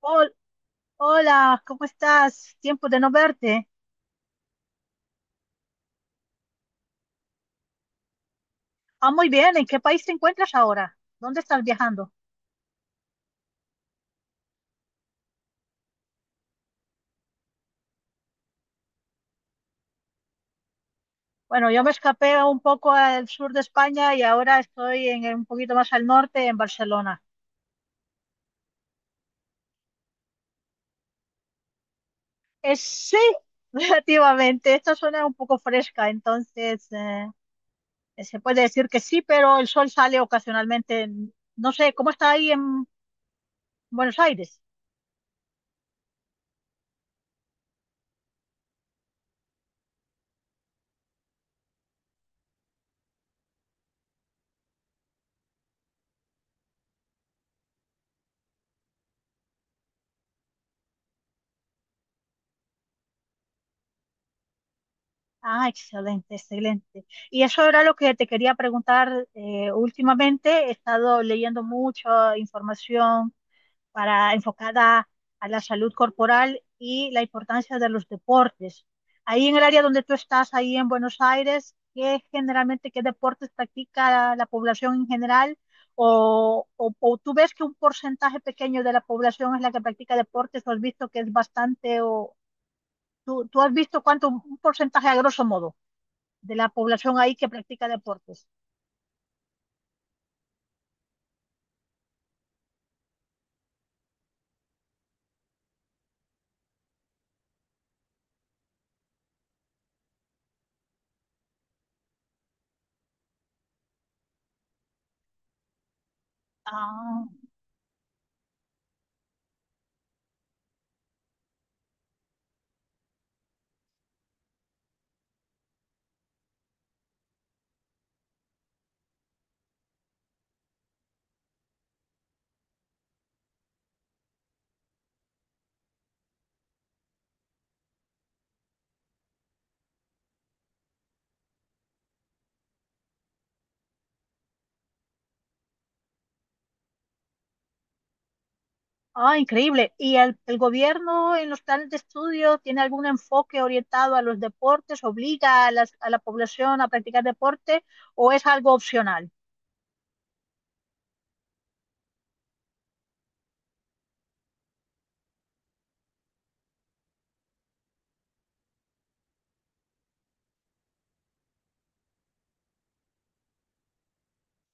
Hol- Hola, ¿cómo estás? Tiempo de no verte. Ah, muy bien. ¿En qué país te encuentras ahora? ¿Dónde estás viajando? Bueno, yo me escapé un poco al sur de España y ahora estoy en un poquito más al norte, en Barcelona. Sí, relativamente. Esta zona es un poco fresca, entonces se puede decir que sí, pero el sol sale ocasionalmente. No sé, ¿cómo está ahí en Buenos Aires? Ah, excelente, excelente. Y eso era lo que te quería preguntar. Últimamente he estado leyendo mucha información para enfocada a la salud corporal y la importancia de los deportes. Ahí en el área donde tú estás, ahí en Buenos Aires, ¿qué generalmente qué deportes practica la población en general? O tú ves que un porcentaje pequeño de la población es la que practica deportes? ¿O has visto que es bastante? ¿O tú has visto cuánto, un porcentaje a grosso modo de la población ahí que practica deportes? Ah, Ah, increíble. ¿Y el gobierno en los planes de estudio tiene algún enfoque orientado a los deportes? ¿Obliga a, a la población a practicar deporte o es algo opcional?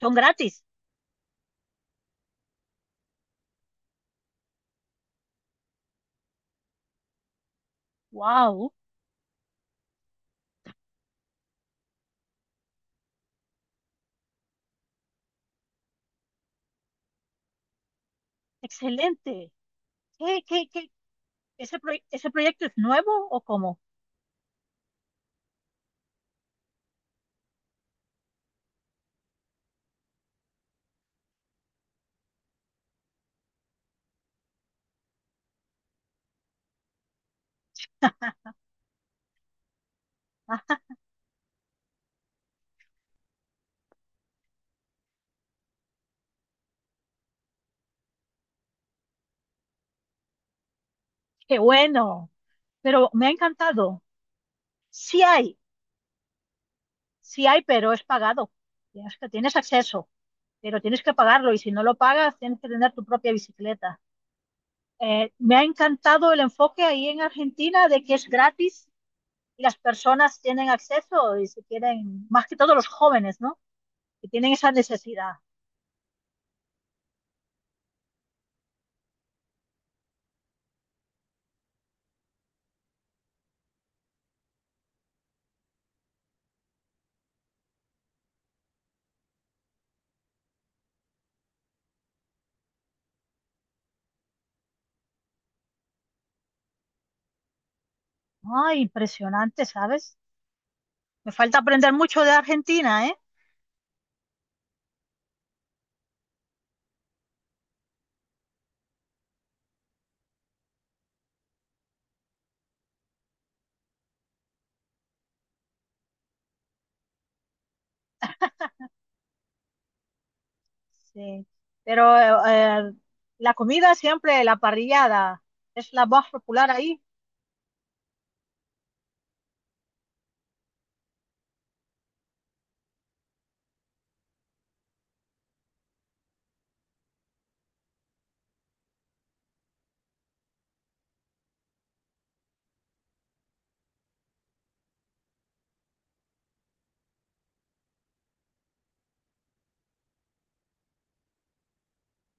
Son gratis. ¡Wow! Excelente. ¿Qué? ¿Ese, ese proyecto es nuevo o cómo? Ah, ¡Qué bueno! Pero me ha encantado. Sí hay, sí hay, pero es pagado. Tienes acceso. Pero tienes que pagarlo y si no lo pagas, tienes que tener tu propia bicicleta. Me ha encantado el enfoque ahí en Argentina de que es gratis y las personas tienen acceso y se quieren, más que todos los jóvenes, ¿no? Que tienen esa necesidad. Ay, impresionante, ¿sabes? Me falta aprender mucho de Argentina, ¿eh? Sí. Pero la comida siempre, la parrillada, es la más popular ahí.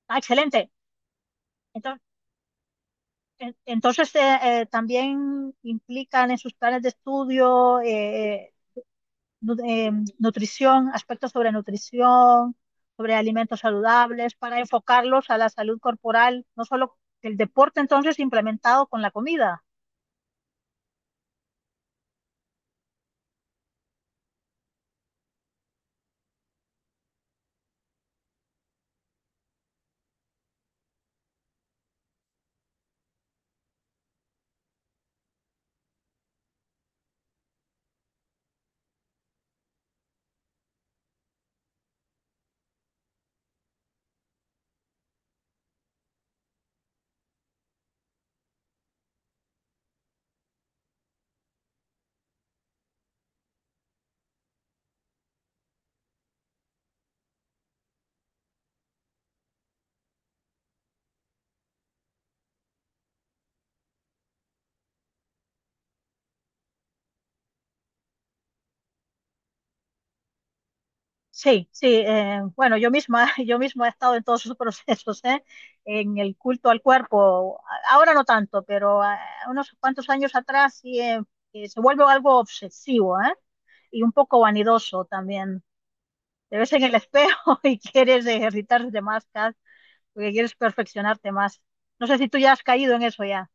Ah, excelente. Entonces, Entonces, también implican en sus planes de estudio nu- eh, nutrición, aspectos sobre nutrición, sobre alimentos saludables, para enfocarlos a la salud corporal, no solo el deporte entonces implementado con la comida. Sí, sí, bueno, yo misma, yo misma he estado en todos esos procesos, ¿eh? En el culto al cuerpo. Ahora no tanto, pero ah, unos cuantos años atrás sí, se vuelve algo obsesivo, ¿eh? Y un poco vanidoso también. Te ves en el espejo y quieres ejercitarte más, Kat, porque quieres perfeccionarte más. No sé si tú ya has caído en eso ya.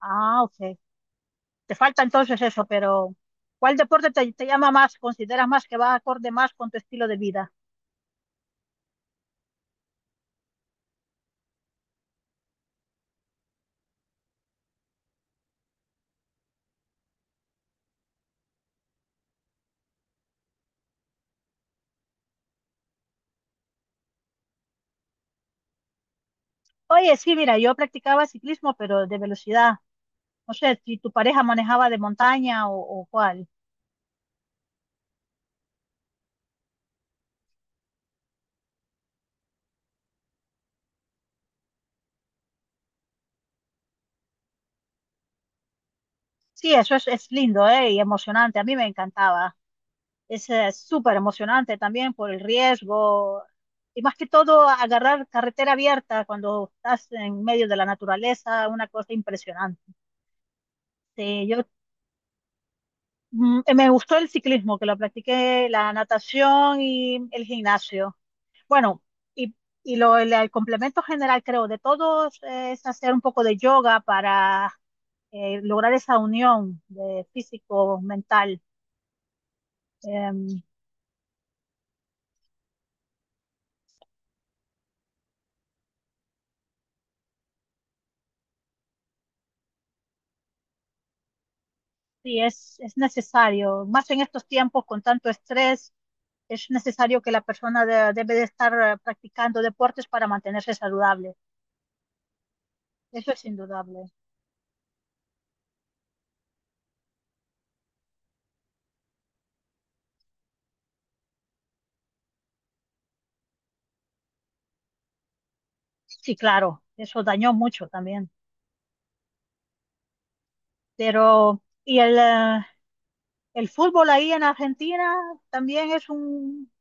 Ah, ok. Te falta entonces eso, pero ¿cuál deporte te llama más? ¿Consideras más que va acorde más con tu estilo de vida? Oye, sí, mira, yo practicaba ciclismo, pero de velocidad. No sé si tu pareja manejaba de montaña o cuál. Sí, eso es lindo, ¿eh? Y emocionante. A mí me encantaba. Es súper emocionante también por el riesgo y más que todo agarrar carretera abierta cuando estás en medio de la naturaleza, una cosa impresionante. Sí, yo me gustó el ciclismo, que lo practiqué, la natación y el gimnasio. Bueno, y, y lo, el complemento general creo de todos es hacer un poco de yoga para lograr esa unión de físico-mental. Sí, es necesario, más en estos tiempos con tanto estrés, es necesario que la persona debe de estar practicando deportes para mantenerse saludable. Eso es indudable. Sí, claro, eso dañó mucho también. Pero, y el fútbol ahí en Argentina también es un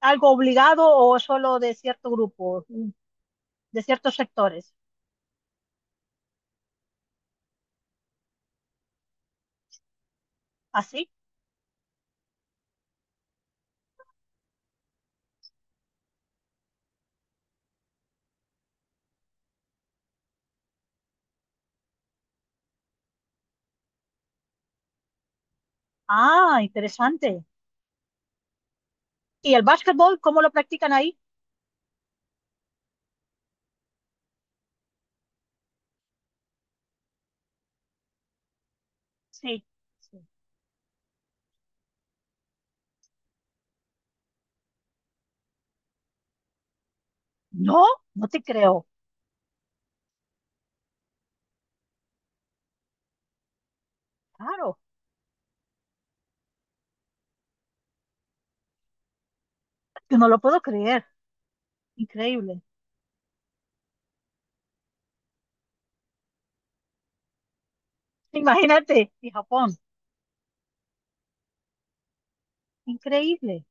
algo obligado o solo de cierto grupo, de ciertos sectores. ¿Así? Ah, interesante. ¿Y el básquetbol, cómo lo practican ahí? Sí, sí. No, no te creo. Claro, que no lo puedo creer, increíble. Imagínate, y Japón, increíble.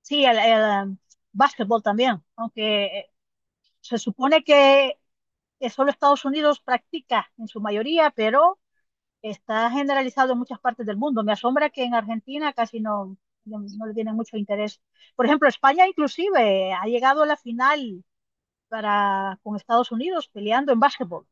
Sí, el, básquetbol también, aunque se supone que solo Estados Unidos practica en su mayoría, pero está generalizado en muchas partes del mundo. Me asombra que en Argentina casi no, no, no le tienen mucho interés. Por ejemplo, España inclusive ha llegado a la final para, con Estados Unidos peleando en básquetbol.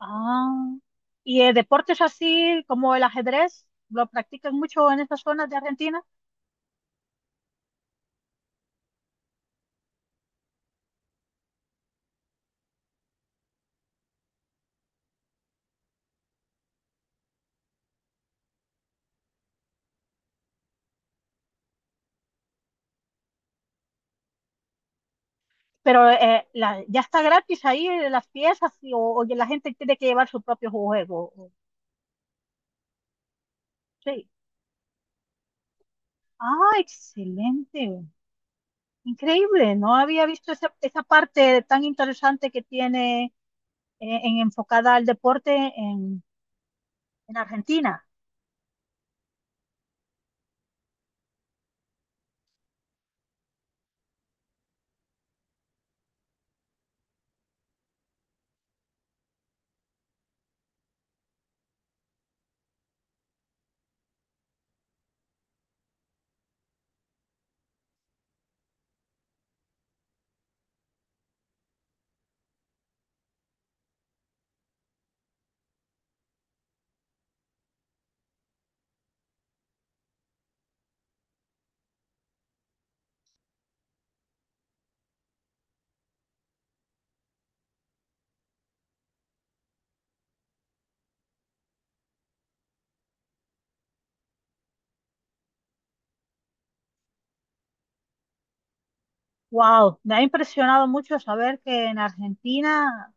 Ah, y deportes así como el ajedrez, lo practican mucho en esas zonas de Argentina, pero ya está gratis ahí las piezas o la gente tiene que llevar su propio juego. Sí. Ah, excelente. Increíble. No había visto esa, esa parte tan interesante que tiene en enfocada al deporte en Argentina. Wow, me ha impresionado mucho saber que en Argentina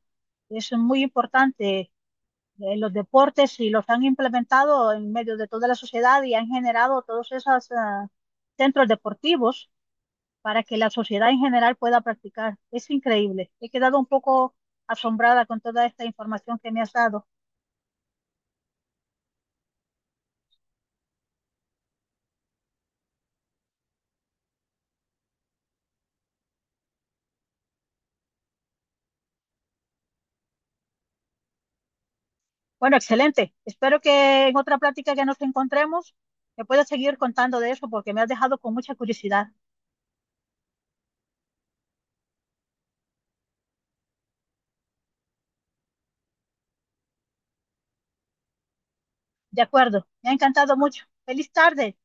es muy importante los deportes y los han implementado en medio de toda la sociedad y han generado todos esos ah, centros deportivos para que la sociedad en general pueda practicar. Es increíble. He quedado un poco asombrada con toda esta información que me has dado. Bueno, excelente. Espero que en otra plática que nos encontremos me puedas seguir contando de eso porque me has dejado con mucha curiosidad. De acuerdo. Me ha encantado mucho. Feliz tarde.